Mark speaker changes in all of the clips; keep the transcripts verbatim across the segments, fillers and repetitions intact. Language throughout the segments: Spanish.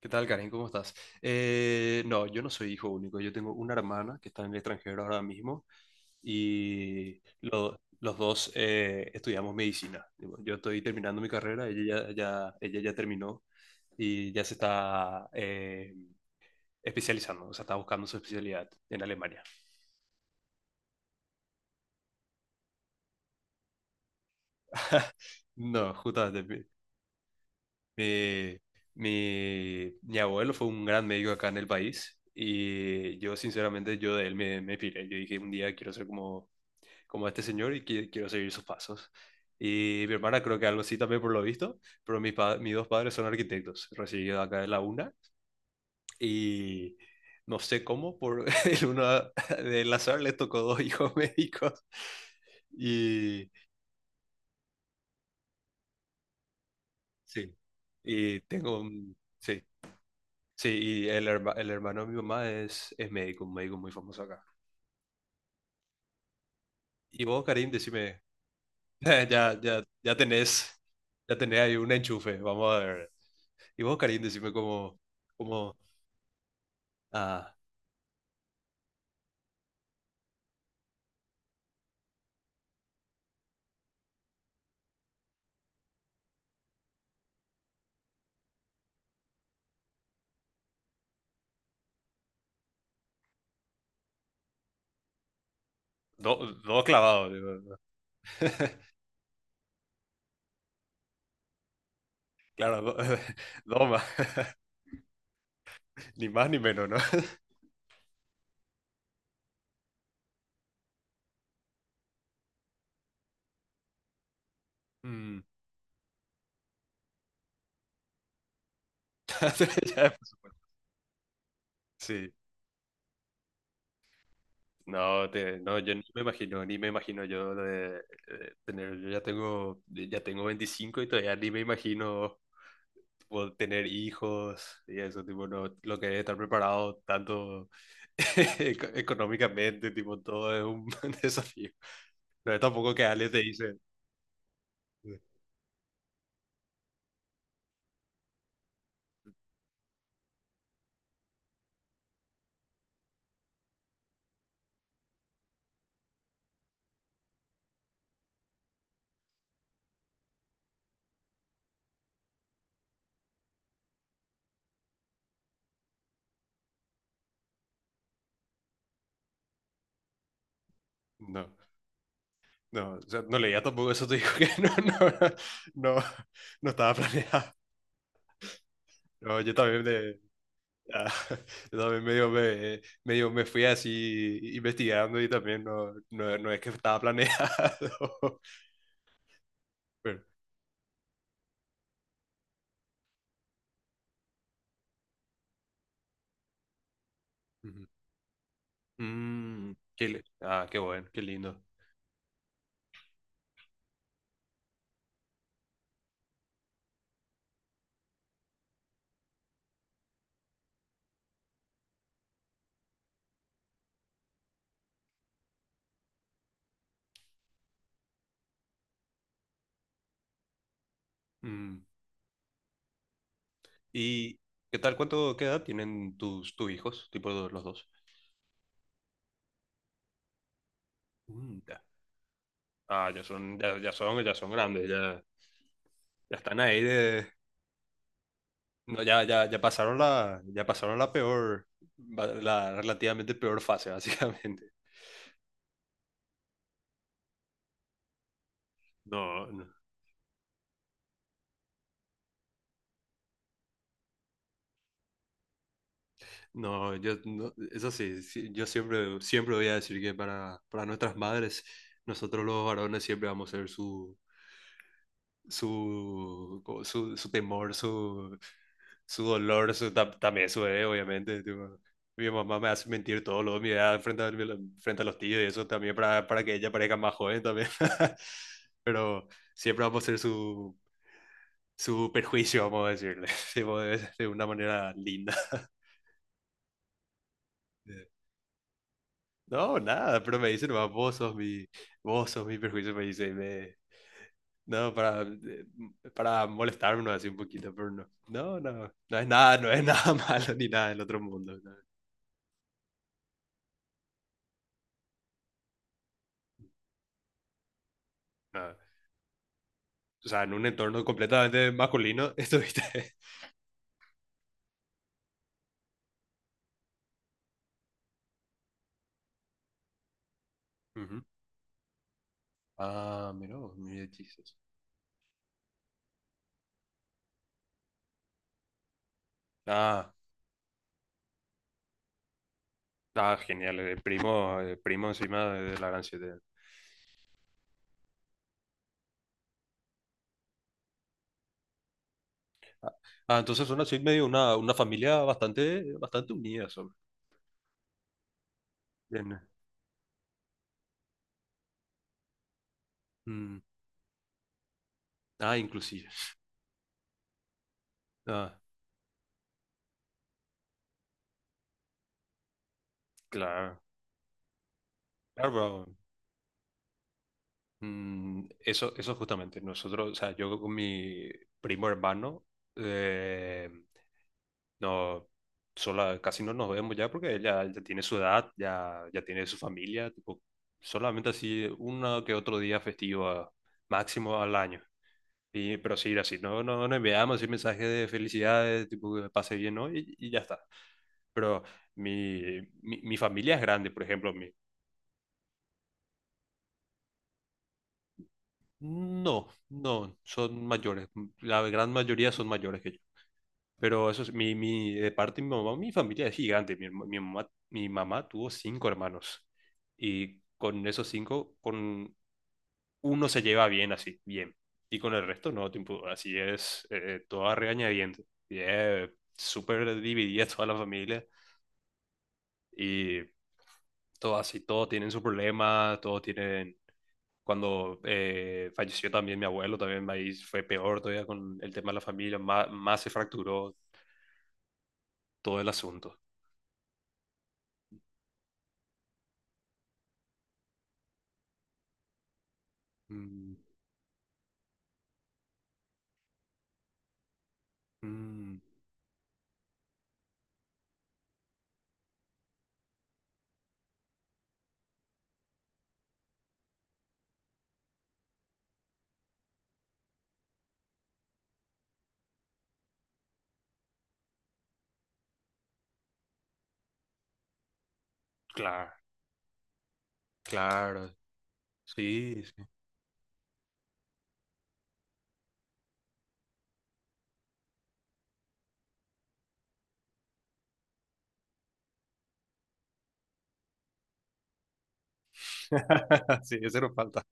Speaker 1: ¿Qué tal, Karen? ¿Cómo estás? Eh, no, yo no soy hijo único. Yo tengo una hermana que está en el extranjero ahora mismo y lo- los dos eh, estudiamos medicina. Yo estoy terminando mi carrera, ella ya, ya- ella ya terminó y ya se está eh, especializando, o sea, está buscando su especialidad en Alemania. No, justamente. Mi, mi, mi abuelo fue un gran médico acá en el país y yo sinceramente yo de él me, me piré. Yo dije un día quiero ser como, como a este señor y qui- quiero seguir sus pasos. Y mi hermana creo que algo así también por lo visto, pero mis, pa- mis dos padres son arquitectos, recibido acá de la U N A y no sé cómo, por el uno del azar les tocó dos hijos médicos y sí, y tengo un, sí, sí, y el, herma- el hermano de mi mamá es, es médico, un médico muy famoso acá. Y vos, Karim, decime, ya, ya, ya tenés, ya tenés ahí un enchufe, vamos a ver. Y vos, Karim, decime como, como, ah, do, do clavado, digo, ¿no? Claro, do, do más, ni más ni menos, ¿no? Mm. Ya, por supuesto. Sí. No, te- no, yo ni me imagino, ni me imagino yo de, de eh, tener, yo ya tengo, ya tengo veinticinco y todavía ni me imagino tipo, tener hijos y eso, tipo, no, lo que es estar preparado tanto eco- económicamente, tipo, todo es un desafío. No es tampoco que Ale te dice, no, no, o sea, no leía tampoco eso, te digo que no, no, no, no estaba planeado. No, yo también. Ah, yo también medio me, medio me fui así investigando y también no, no, no es que estaba planeado. Pero, ujú. Mm, qué le- ah, qué bueno, qué lindo. Mm, ¿y qué tal? ¿Cuánto, qué edad tienen tus, tus hijos? Tipo los los dos. Mm, ya. Ah, ya son, ya, ya son, ya son grandes, ya, ya están ahí de. No, ya, ya, ya pasaron la, ya pasaron la peor, la relativamente peor fase, básicamente. No, no. No, yo, no, eso sí, sí, yo siempre, siempre voy a decir que para, para nuestras madres, nosotros los varones siempre vamos a ser su, su, co- su, su temor, su, su dolor, su, tam- también su bebé, obviamente, tipo, mi mamá me hace mentir todo lo de mi edad frente a, mi- frente a los tíos y eso también para, para que ella parezca más joven también. Pero siempre vamos a ser su, su perjuicio, vamos a decirle, tipo, de de una manera linda. No, nada, pero me dice nomás, vos sos mi, vos sos mi perjuicio, me dice, y me, no, para, eh, para molestarme no, así un poquito, pero no, no, no, no es nada, no es nada malo ni nada del otro mundo, no, no. O sea, en un entorno completamente masculino estuviste. Ujú. Ah, mira, vos, mira, Jesus. Ah, ah, genial, eh, primo, eh, primo encima de, de la gran siete. Ah, entonces son así medio una, una familia bastante, bastante unida, son. Bien. Eh. Mm. Ah, inclusive. Ah, claro. Claro, pero mm, eso, eso justamente. Nosotros, o sea, yo con mi primo hermano, eh, no, sola, casi no nos vemos ya porque ella ya tiene su edad, ya, ya tiene su familia, tipo, solamente así uno que otro día festivo a- máximo al año. Y, pero sí, así, no, no, no enviamos así mensajes de felicidades, tipo, que me pase bien, ¿no? Y, y ya está. Pero mi, mi, mi familia es grande, por ejemplo, mi. No, no, son mayores. La gran mayoría son mayores que yo. Pero eso es, mi, mi, de parte de mi mamá, mi familia es gigante. Mi, herma- mi mamá, mi mamá tuvo cinco hermanos. Y con esos cinco, con uno se lleva bien así, bien. Y con el resto no, tipo, así es, eh, toda regañadientes. Y es súper dividida toda la familia. Y todo así, todo tienen su problema, todos tienen... Cuando eh, falleció también mi abuelo, también ahí fue peor todavía con el tema de la familia, más, más se fracturó todo el asunto. Mm, mm, claro, claro, sí, sí. Sí, ese nos falta.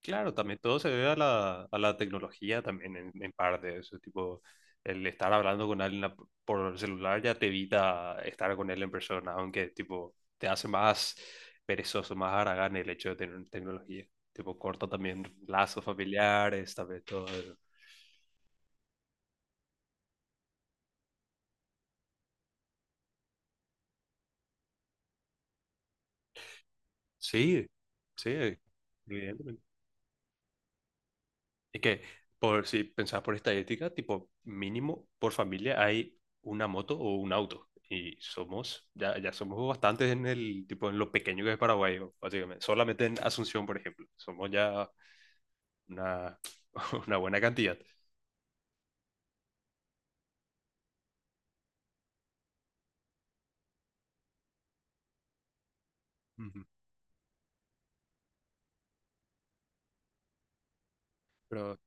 Speaker 1: Claro, también todo se debe a la, a la tecnología también en, en parte. Eso, tipo, el estar hablando con alguien a- por el celular ya te evita estar con él en persona, aunque tipo te hace más perezoso, más haragán el hecho de tener tecnología. Tipo, corta también lazos familiares, también todo eso. Sí, sí, evidentemente. Es que, por, si pensás por estadística, tipo, mínimo por familia hay una moto o un auto. Y somos, ya, ya somos bastantes en el, tipo, en lo pequeño que es Paraguay, o- básicamente. Solamente en Asunción, por ejemplo. Somos ya una una buena cantidad. Ujú. Pero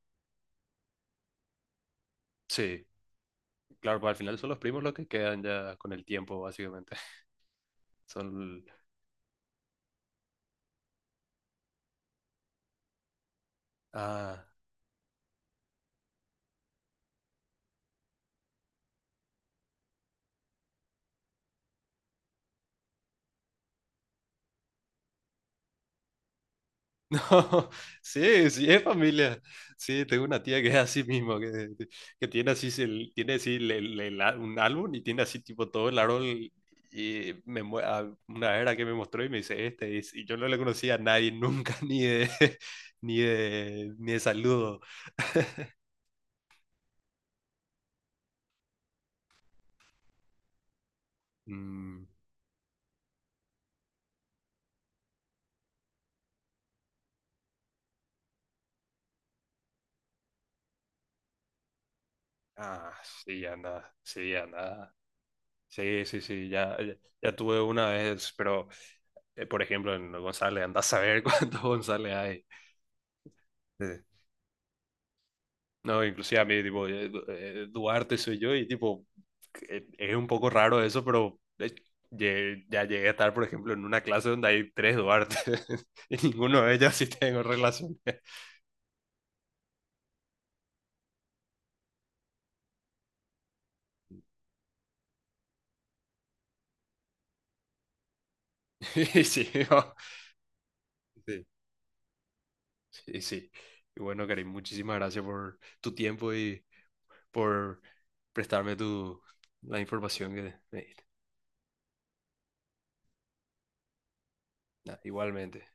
Speaker 1: sí, claro, pues al final son los primos los que quedan ya con el tiempo, básicamente. Son, ah, sí, sí, es familia. Sí, tengo una tía que es así mismo, que, que tiene así, el- tiene así el- el- el á- un álbum y tiene así tipo todo el árbol y me, mue- a- una era que me mostró y me dice, este es, y yo no le conocía a nadie nunca, ni de, ni de, ni de saludo. Mm, ah, sí, ya nada, sí, ya nada. Sí, sí, sí, ya, ya, ya tuve una vez, pero, eh, por ejemplo, en González, andás a saber cuántos González hay. Sí. No, inclusive a mí, tipo, eh, Du- eh, Duarte soy yo y, tipo, eh, es un poco raro eso, pero eh, llegué- ya llegué a estar, por ejemplo, en una clase donde hay tres Duarte y ninguno de ellos sí tengo relación. Y sí, no, sí, sí, sí. Y bueno, Karim, muchísimas gracias por tu tiempo y por prestarme tu, la información que me diste. Nada, igualmente.